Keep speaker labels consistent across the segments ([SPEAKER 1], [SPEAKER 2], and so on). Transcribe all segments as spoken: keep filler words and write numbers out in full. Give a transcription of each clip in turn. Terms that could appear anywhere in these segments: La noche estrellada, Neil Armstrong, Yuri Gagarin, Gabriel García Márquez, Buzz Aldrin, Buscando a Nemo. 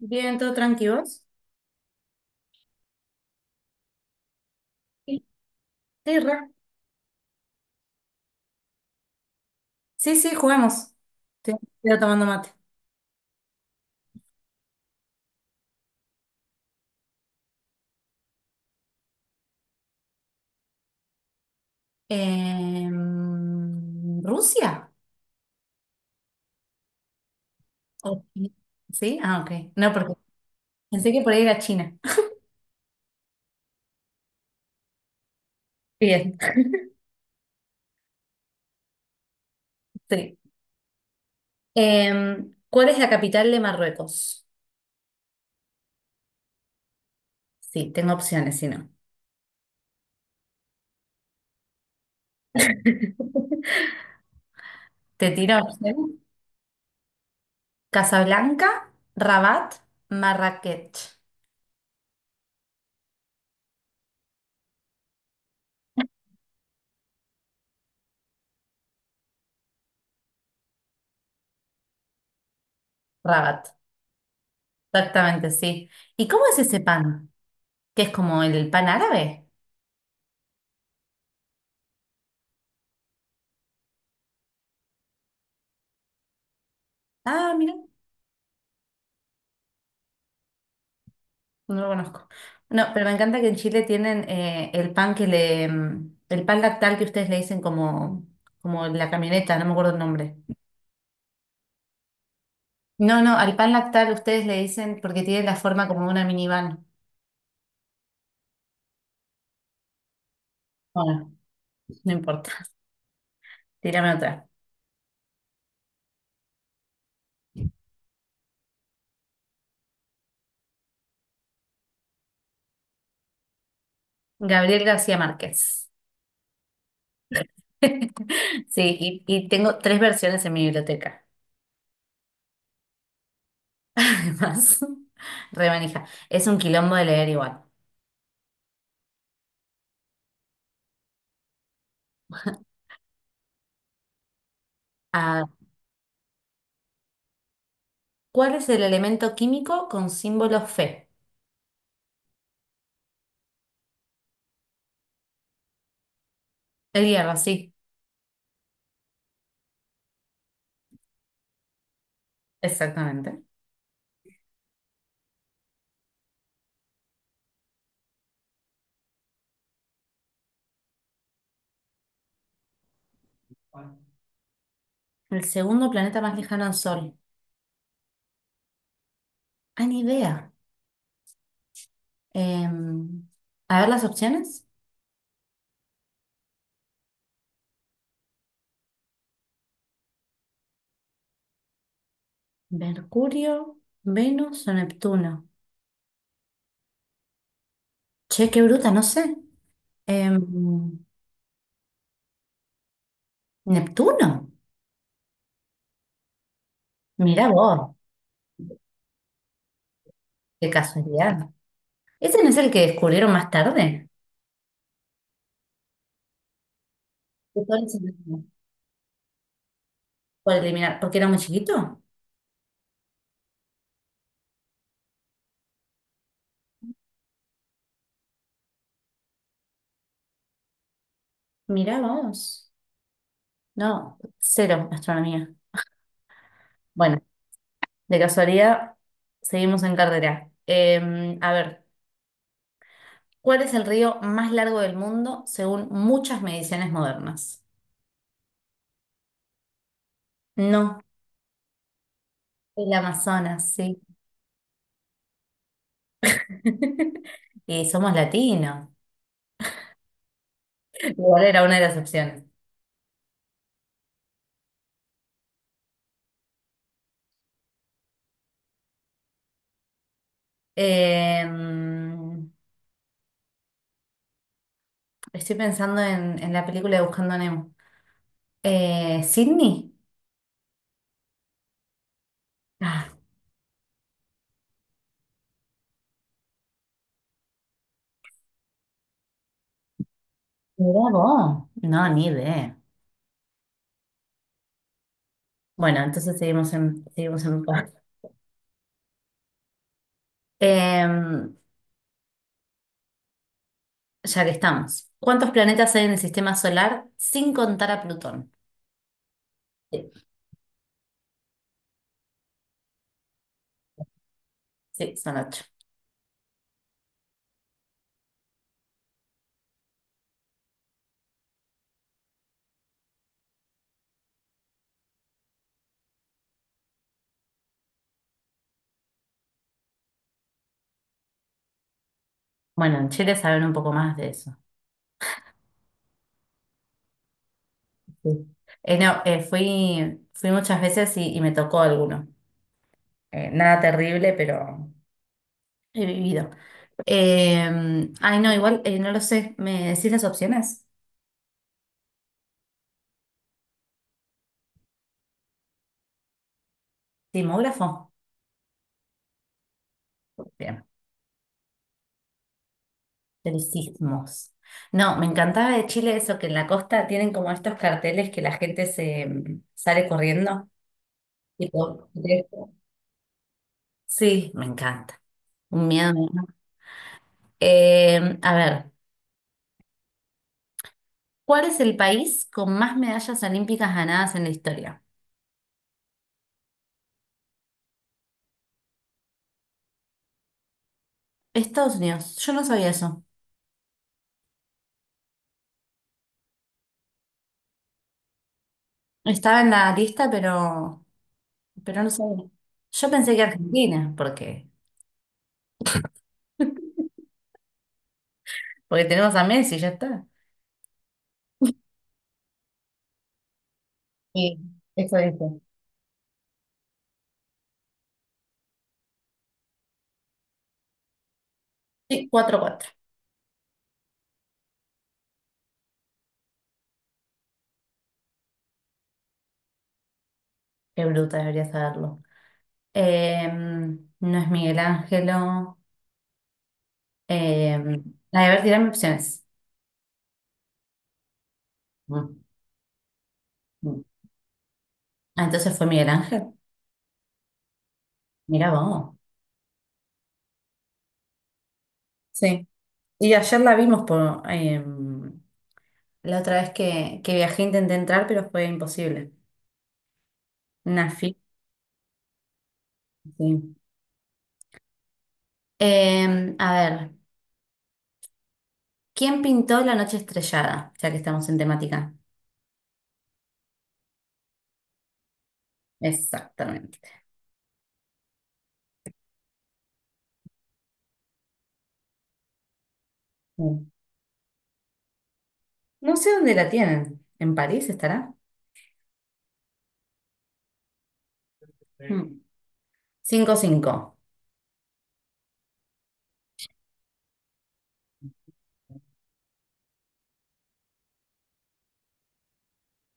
[SPEAKER 1] Bien, todo tranquilo. Sí. Sí, re. Sí, sí, juguemos. Estoy, estoy tomando mate. Em, ¿Rusia? ¿O Chi- ¿Sí? Ah, ok. No, porque pensé que por ahí era China. Bien, sí. Em, ¿cuál es la capital de Marruecos? Sí, tengo opciones, si no. Te tiro opciones. Casablanca, Rabat, Marrakech. Rabat, exactamente, sí. ¿Y cómo es ese pan? ¿Que es como el pan árabe? Ah, mira. No lo conozco. No, pero me encanta que en Chile tienen eh, el pan que le, mm, el pan lactal que ustedes le dicen como, como la camioneta, no me acuerdo el nombre. No, no, al pan lactal ustedes le dicen porque tiene la forma como una minivan. Bueno, no importa, tírame otra. Gabriel García Márquez. Sí, y, y tengo tres versiones en mi biblioteca, además. Remanija. Es un quilombo de leer igual. Ah, ¿cuál es el elemento químico con símbolo Fe? El hierro, sí, exactamente. El segundo planeta más lejano al Sol. Ah, ni idea. Em, a ver las opciones. Mercurio, Venus o Neptuno. Che, qué bruta, no sé. Em, Neptuno. Mirá vos, qué casualidad. ¿Ese no es el que descubrieron más tarde? ¿Que todo ese- mismo? Por eliminar, porque era muy chiquito. Mirá vos. No, cero astronomía. Bueno, de casualidad, seguimos en carrera. Em, a ver. ¿Cuál es el río más largo del mundo según muchas mediciones modernas? No, el Amazonas, sí. Y somos latinos. Igual era una de las opciones. Eh, estoy pensando en, en la película de Buscando a Nemo. Eh, ¿Sydney? Ah, mirá vos. No, ni idea. Bueno, entonces seguimos en, seguimos en paz. Eh, ya que estamos. ¿Cuántos planetas hay en el sistema solar sin contar a Plutón? Sí, sí, son ocho. Bueno, en Chile saben un poco más de eso. Sí. Eh, no, eh, fui, fui muchas veces y, y me tocó alguno. Eh, nada terrible, pero he vivido. Eh, ay, no, igual eh, no lo sé. ¿Me decís las opciones? Sismógrafo. Bien. De los sismos. No, me encantaba de Chile eso, que en la costa tienen como estos carteles que la gente se mm, sale corriendo. Tipo, de- sí, me encanta. Un miedo me da. Eh, a ver. ¿Cuál es el país con más medallas olímpicas ganadas en la historia? Estados Unidos. Yo no sabía eso. Estaba en la lista, pero, pero no sabía. Yo pensé que Argentina, porque, porque tenemos a Messi, ya está. Sí, eso dice. Sí, cuatro cuatro. Qué bruta, debería saberlo. Em, no es Miguel Ángelo. Em, a ver, tirarme opciones. Mm, mm. Ah, entonces fue Miguel Ángel. Mira vos. Sí. Y ayer la vimos por, em, la otra vez que, que viajé intenté entrar, pero fue imposible. Una fila. Sí. Em, a ver, ¿quién pintó La noche estrellada? Ya que estamos en temática. Exactamente. Mm. No sé dónde la tienen. ¿En París estará? Mm. Cinco 5.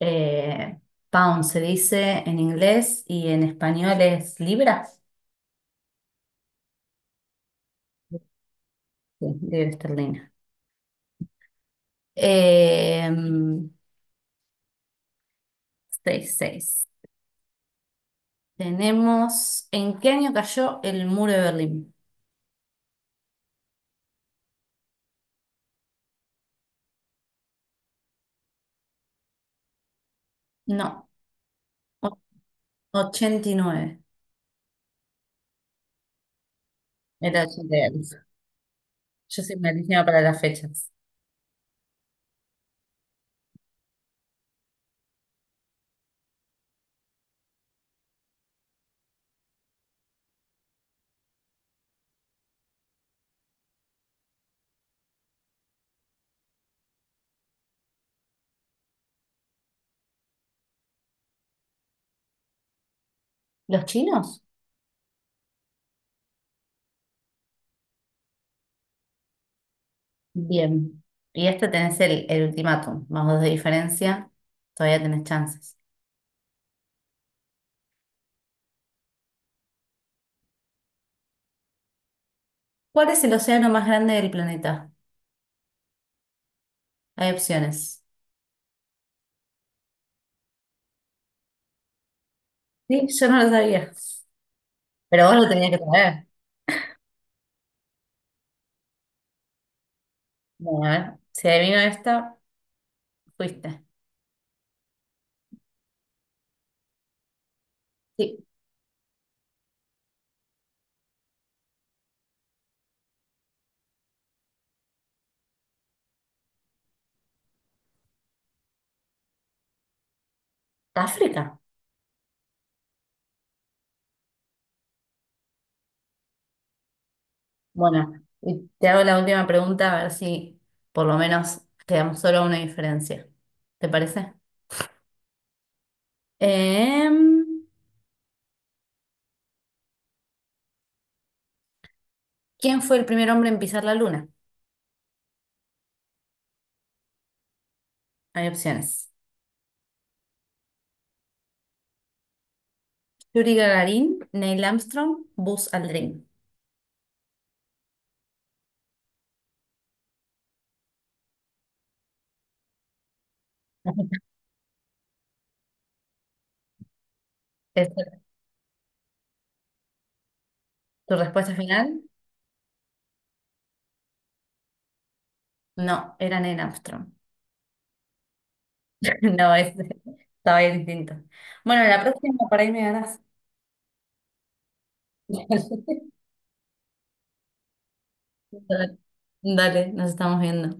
[SPEAKER 1] Eh, pound se dice en inglés y en español es libra. Sí, libra esterlina. Em, Seis 6. Tenemos, ¿en qué año cayó el muro de Berlín? No. Ochenta y nueve. Era ochenta y nueve. Yo soy malísima para las fechas. ¿Los chinos? Bien. Y este tenés el, el ultimátum, más dos de diferencia. Todavía tenés chances. ¿Cuál es el océano más grande del planeta? Hay opciones. Sí, yo no lo sabía. Pero vos lo tenías que saber. Bueno, a ver. Si adivino esta, fuiste. Sí, África. Bueno, y te hago la última pregunta a ver si por lo menos quedamos solo a una diferencia. ¿Te parece? Em, ¿Quién fue el primer hombre en pisar la luna? Hay opciones. Yuri Gagarin, Neil Armstrong, Buzz Aldrin. ¿Esa ¿Es tu respuesta final? No, era Neil Armstrong. No, es, estaba bien distinto. Bueno, la próxima para ahí me ganás. Dale, nos estamos viendo.